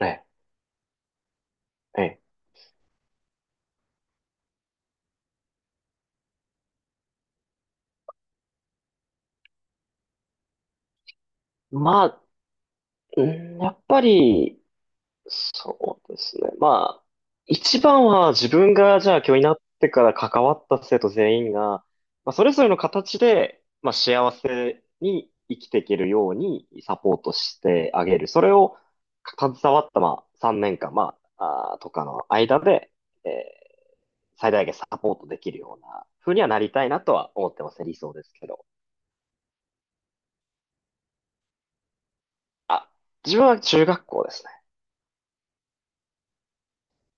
ええ、ええ、まあ、うんやっぱり、そうですね。まあ、一番は自分がじゃあ教員になってから関わった生徒全員が、まあ、それぞれの形で、まあ、幸せに生きていけるようにサポートしてあげる。それを携わった、まあ、3年間、まあ、あーとかの間で、えー最大限サポートできるような風にはなりたいなとは思ってますね。理想ですけど。あ、自分は中学校ですね。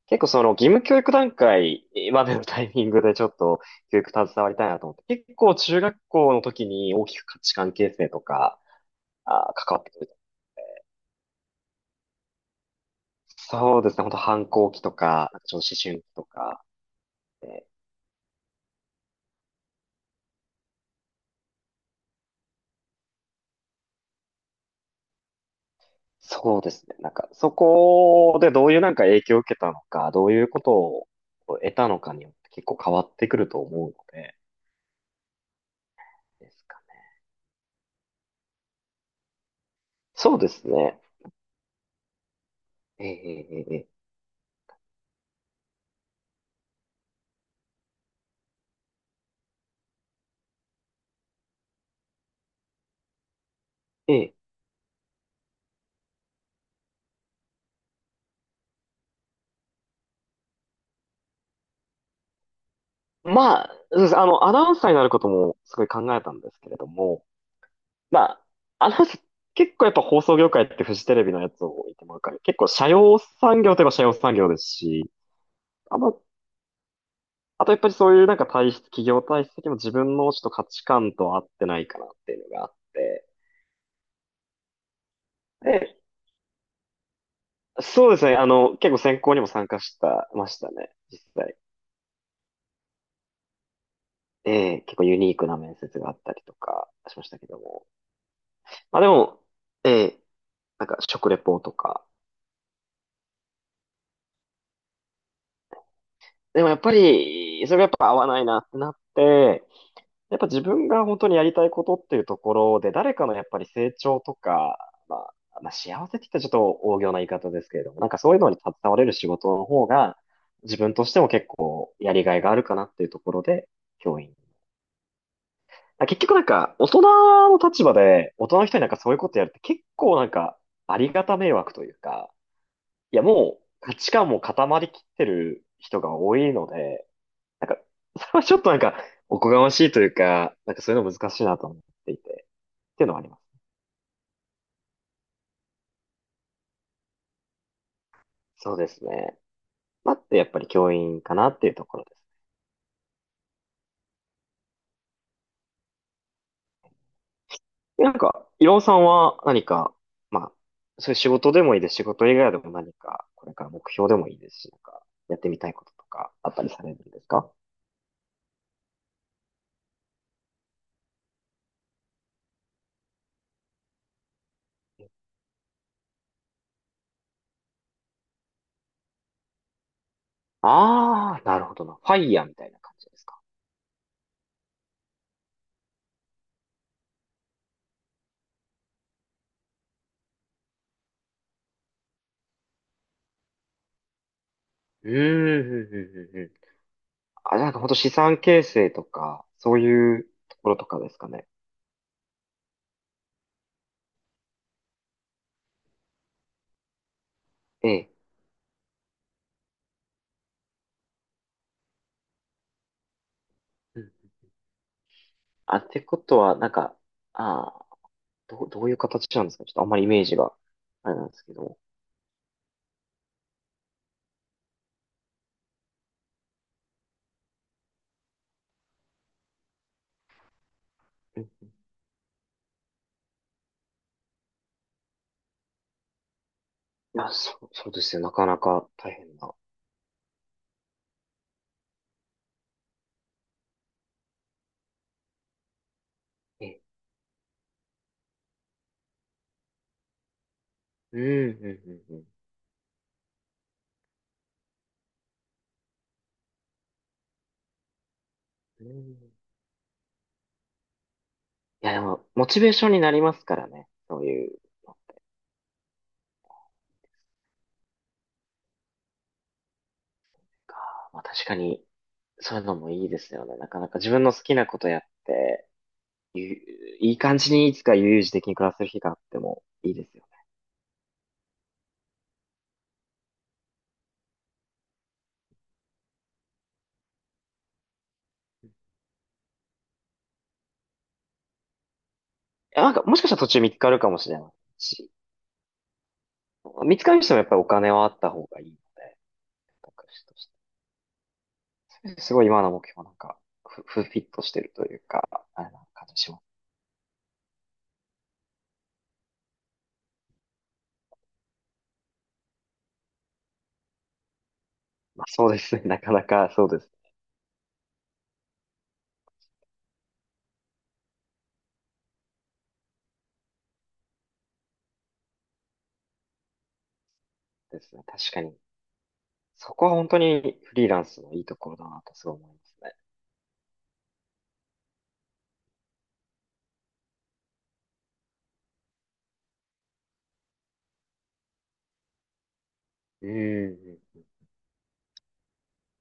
結構その義務教育段階までのタイミングでちょっと教育携わりたいなと思って、結構中学校の時に大きく価値観形成とか、関わってくる。そうですね、本当反抗期とか、なんかちょっと思春期とか、えーそうですね、なんかそこでどういうなんか影響を受けたのか、どういうことを得たのかによって結構変わってくると思うので、ですかね。そうですね。ええええええええまあ、そうです。あの、アナウンサーになることもすごい考えたんですけれども、まあ、あの、結構やっぱ放送業界ってフジテレビのやつを見てもわかる。結構社用産業といえば社用産業ですし、あの、あとやっぱりそういうなんか体質、企業体質的にも自分のちょっと価値観と合ってないかなっていうのがあって。で、そうですね、あの、結構選考にも参加したましたね、実際。ええ、結構ユニークな面接があったりとかしましたけども。まあでも、ええ、なんか食レポとか。でもやっぱり、それがやっぱ合わないなってなって、やっぱ自分が本当にやりたいことっていうところで、誰かのやっぱり成長とか、まあ、幸せって言ったらちょっと大行な言い方ですけれども、なんかそういうのに携われる仕事の方が、自分としても結構やりがいがあるかなっていうところで、教員。あ結局なんか、大人の立場で、大人の人になんかそういうことやるって結構なんか、ありがた迷惑というか、いやもう価値観も固まりきってる人が多いので、なんか、それはちょっとなんか、おこがましいというか、なんかそういうの難しいなと思っていて。っていうのはあります。そうですね。まあ、ってやっぱり教員かなっていうところです。なんか、伊郎さんは何か、まあ、そういう仕事でもいいです。仕事以外でも何か、これから目標でもいいですし、なんか、やってみたいこととか、あったりされるんですか？ああー、なるほどな。ファイヤーみたいな感じですか。うーん、うんうんうんうんあ、なんか本当資産形成とか、そういうところとかですかね。ええ。うん。あ、ってことは、なんか、ああ、どういう形なんですか？ちょっとあんまりイメージが、あれなんですけど。うんあ、そうですよ。なかなか大変な。え、うん、うん、うん、うん。うんいや、でも、モチベーションになりますからね。そういうのが。まあ、確かに、そういうのもいいですよね。なかなか自分の好きなことやって、ゆいい感じにいつか悠々自適に暮らせる日があってもいいですよね。いや、なんか、もしかしたら途中見つかるかもしれないし、見つかる人もやっぱりお金はあった方がいいので、僕として。すごい今の目標なんか、フィットしてるというか、あれな感じします。まあ、そうですね。なかなかそうです、ですね。確かに。そこは本当にフリーランスのいいところだなとすごい思いますね。うんうん。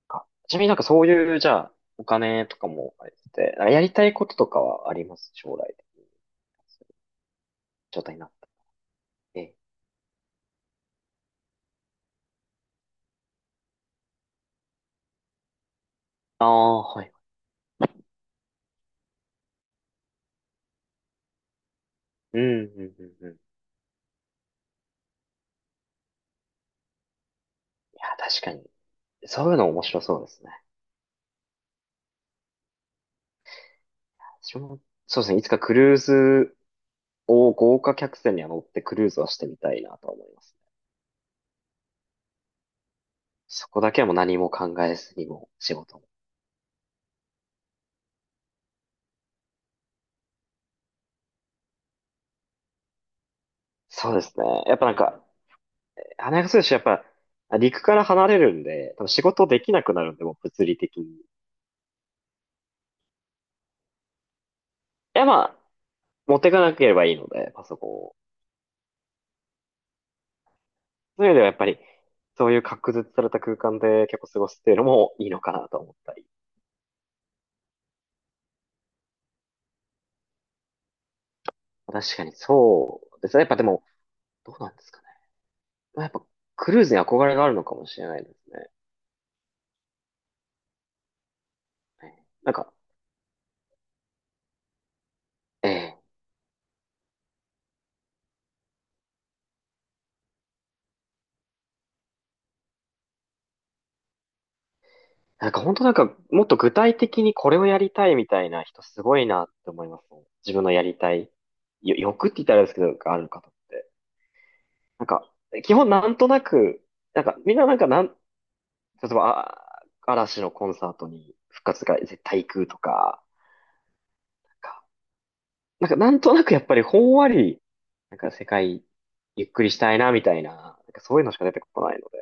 あちなみになんかそういう、じゃあ、お金とかもあれて、あやりたいこととかはあります将来で。状態になった。ええ。ああ、はい。うん。いや、確かに。そういうの面白そうですね。私も、そうですね。いつかクルーズを豪華客船には乗ってクルーズはしてみたいなとは思いますね。そこだけはもう何も考えずにもう仕事をそうですね。やっぱなんか、花す選しやっぱ、陸から離れるんで、多分仕事できなくなるんで、もう物理的に。や、まあ、持っていかなければいいので、パソコンを。そういう意味ではやっぱり、そういう隔絶された空間で結構過ごすっていうのもいいのかなと思ったり。確かにそうですね。やっぱでも、どうなんですかね。まあ、やっぱ、クルーズに憧れがあるのかもしれないですね。なんか、ええなんか本当なんか、もっと具体的にこれをやりたいみたいな人すごいなって思いますね。自分のやりたい、欲って言ったらあれですけど、ある方って。なんか、基本なんとなく、なんか、みんななんかなん、例えば、あ、嵐のコンサートに復活が絶対行くとか、なんかなんとなくやっぱりほんわり、なんか世界ゆっくりしたいなみたいな、なんかそういうのしか出てこないので、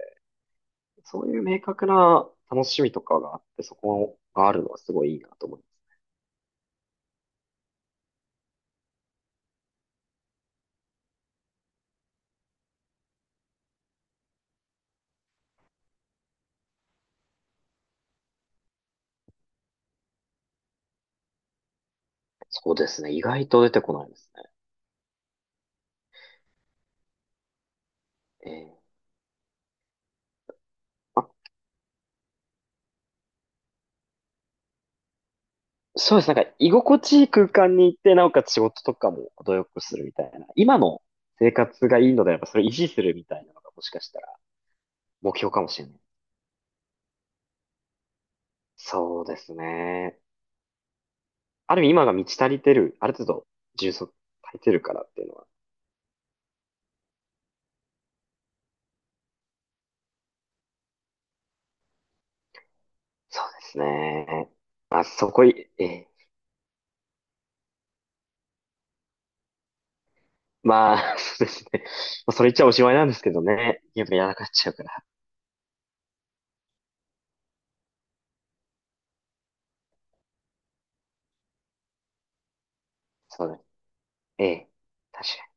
そういう明確な楽しみとかがあって、そこがあるのはすごいいいなと思います。そうですね。意外と出てこないですね。ええあ、そうです。なんか、居心地いい空間に行って、なおかつ仕事とかも程よくするみたいな。今の生活がいいのであれば、それを維持するみたいなのがもしかしたら目標かもしれない。そうですね。ある意味今が満ち足りてる、ある程度充足足りてるからっていうのは。そうですね。まあ、そこい、ええまあ、そうですね。まあ、それ言っちゃおしまいなんですけどね。やっぱやらかっちゃうから。そうだね。ええ確かに。